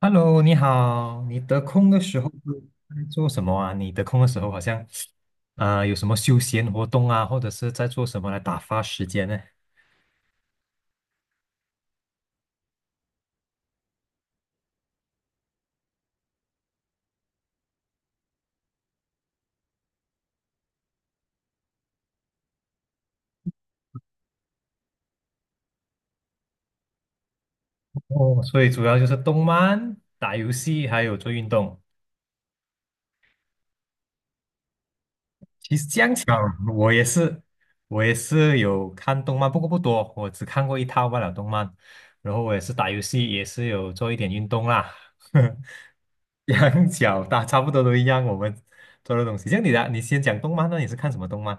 Hello，你好，你得空的时候都在做什么啊？你得空的时候好像，有什么休闲活动啊，或者是在做什么来打发时间呢？哦，所以主要就是动漫、打游戏，还有做运动。其实这样巧，我也是，我也是有看动漫，不过不多，我只看过一套罢了动漫。然后我也是打游戏，也是有做一点运动啦。两脚大差不多都一样，我们做的东西。像你的啊，你先讲动漫那你是看什么动漫？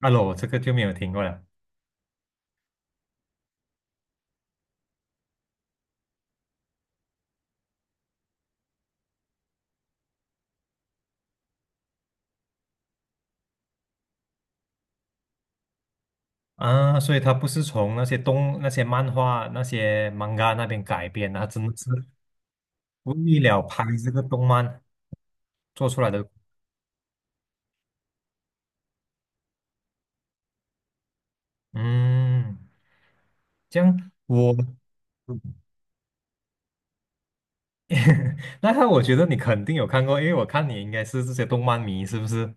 啊，罗，这个就没有听过了啊，所以它不是从那些漫画、那些 manga 那边改编的，它真的是为了拍这个动漫做出来的。嗯，这样我那他我觉得你肯定有看过，因为我看你应该是这些动漫迷，是不是？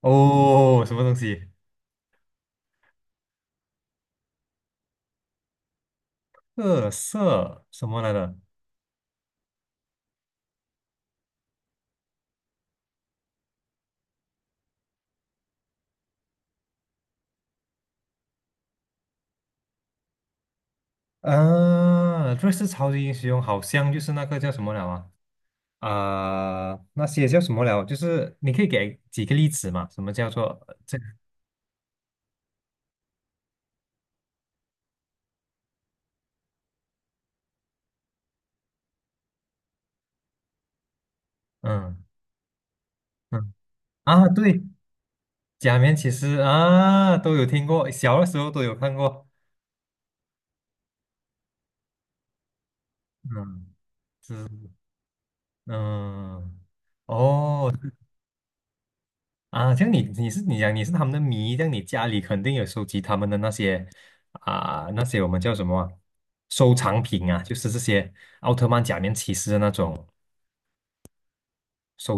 哦，什么东西？特色什么来的？啊，瑞士超级英雄好像就是那个叫什么了啊？那些叫什么了？就是你可以给几个例子嘛？什么叫做这？嗯嗯，啊，对，假面骑士啊，都有听过，小的时候都有看过。嗯，是，嗯，哦，啊，像你是他们的迷，像你家里肯定有收集他们的那些我们叫什么啊收藏品啊，就是这些奥特曼、假面骑士的那种。收。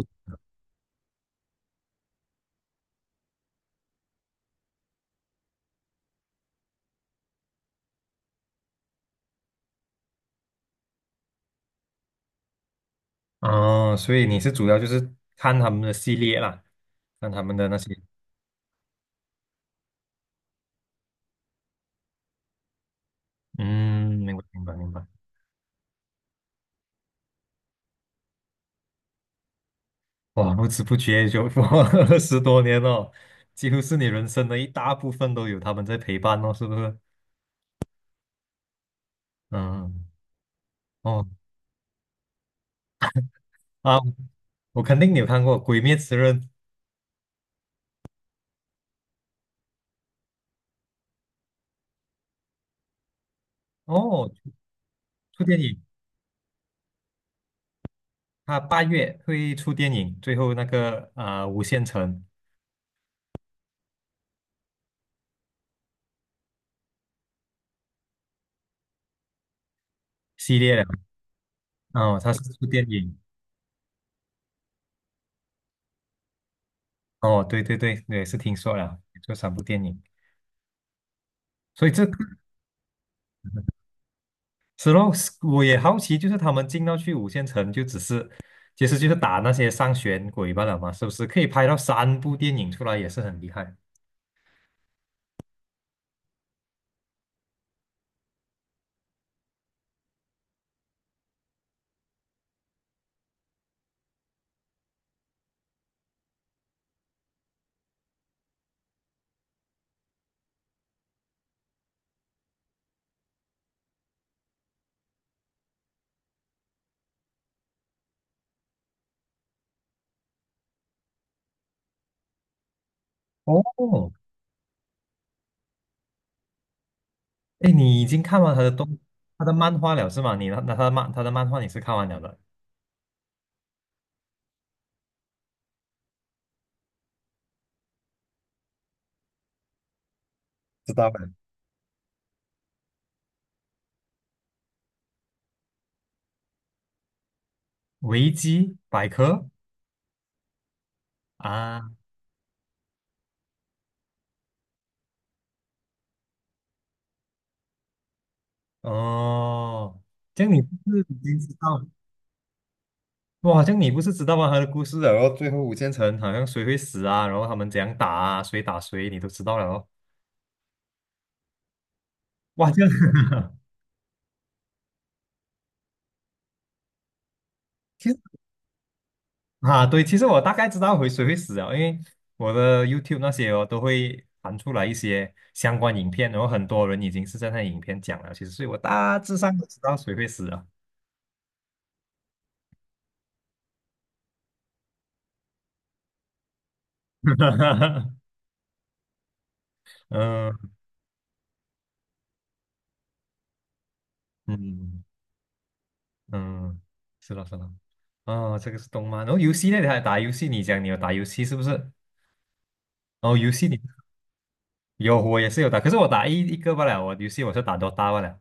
哦，所以你是主要就是看他们的系列啦，看他们的那些，嗯，明白明白明白。哇，不知不觉就过了 20多年了，几乎是你人生的一大部分都有他们在陪伴哦，是不是？嗯，哦，啊，我肯定你有看过《鬼灭之刃》哦，出电影，他8月会出电影，最后那个无限城系列了，哦，他是出电影，哦，对对对，我也是听说了，做三部电影。所以这个是咯，我也好奇，就是他们进到去五线城，就只是其实就是打那些上弦鬼罢了嘛，是不是？可以拍到三部电影出来，也是很厉害。哦，哎，你已经看完他的漫画了是吗？你那他的漫画你是看完了的，知道了。维基百科啊，哦，这样你不是已经知道？哇，这样你不是知道吗？他的故事了？然后最后五线城好像谁会死啊，然后他们怎样打啊，谁打谁，你都知道了哦。哇，这样。其啊，对，其实我大概知道会谁会死啊，因为我的 YouTube 那些哦都会弹出来一些相关影片，然后很多人已经是在那影片讲了，其实所以我大致上都知道谁会死啊。嗯嗯嗯，是了是了，哦，这个是动漫，然后游戏那的还打游戏，你讲你有打游戏是不是？哦，游戏你有，我也是有打，可是我打一个不了，我游戏我是打 DOT 了。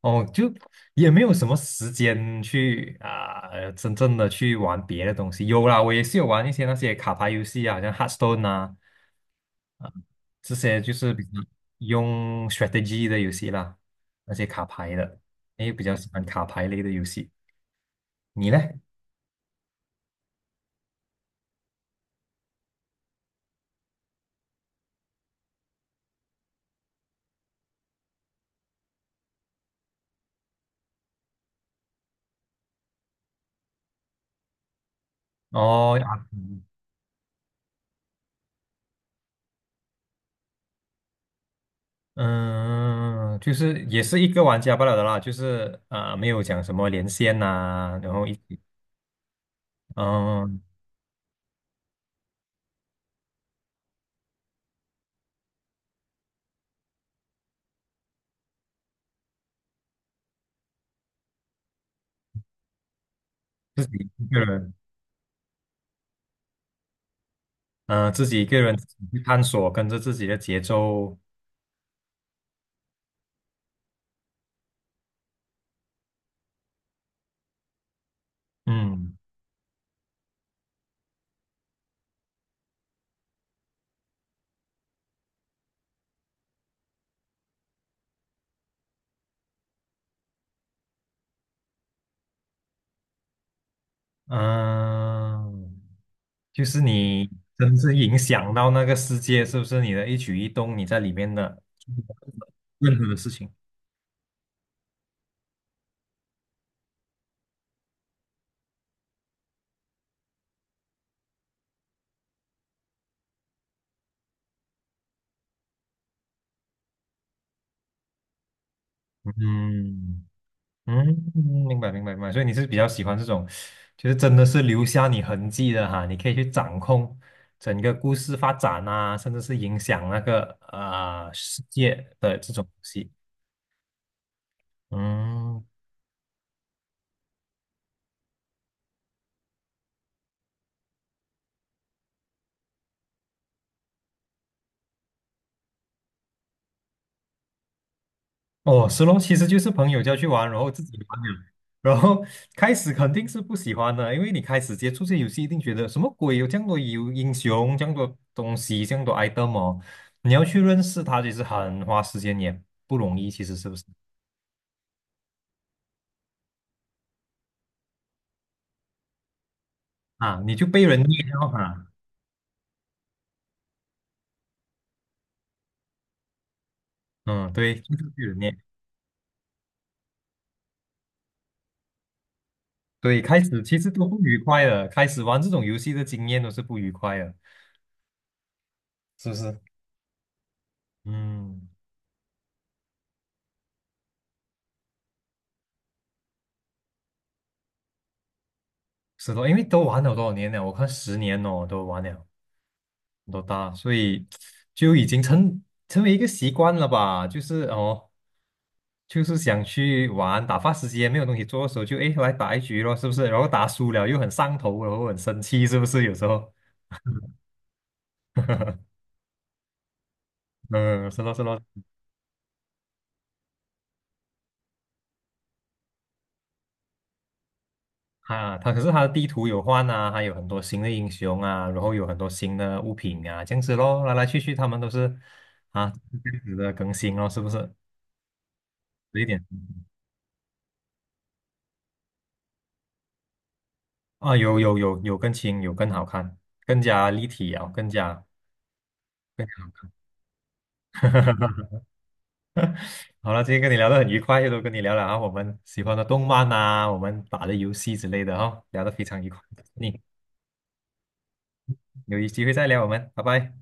哦，就也没有什么时间去真正的去玩别的东西。有啦，我也是有玩一些那些卡牌游戏啊，好像 Hearthstone 啊，啊、这些就是比较用 strategy 的游戏啦，那些卡牌的，诶，比较喜欢卡牌类的游戏。你呢？哦，啊嗯，就是也是一个玩家罢了的啦，就是没有讲什么连线呐、然后一起，嗯、自己一个人。自己一个人去探索，跟着自己的节奏，嗯嗯、就是你真正影响到那个世界，是不是？你的一举一动，你在里面的任何的事情，嗯嗯，明白明白明白。所以你是比较喜欢这种，就是真的是留下你痕迹的哈，你可以去掌控整个故事发展啊，甚至是影响那个世界的这种东西。嗯，哦，石龙其实就是朋友叫去玩，然后自己玩了，然后开始肯定是不喜欢的，因为你开始接触这游戏，一定觉得什么鬼，有这样多有英雄，这样多东西，这样多 item 哦，你要去认识他，其实很花时间，也不容易，其实是不是啊？你就被人虐了哈，嗯，对，就是被人虐，对，开始其实都不愉快的，开始玩这种游戏的经验都是不愉快的，是不是？嗯，是的，因为都玩了多少年了，我看10年哦，都玩了。多大，所以就已经成为一个习惯了吧？就是哦，就是想去玩，打发时间，没有东西做的时候就，诶来打一局咯，是不是？然后打输了又很上头，然后很生气，是不是？有时候，嗯，是咯是咯，啊，他可是他的地图有换啊，还有很多新的英雄啊，然后有很多新的物品啊，这样子咯，来来去去他们都是啊这样子的更新咯，是不是？有一点啊，有更新，有更好看，更加立体啊，更加。好了，今天跟你聊得很愉快，又都跟你聊了啊，我们喜欢的动漫呐，我们打的游戏之类的哈、聊得非常愉快。你有机会再聊我们，拜拜。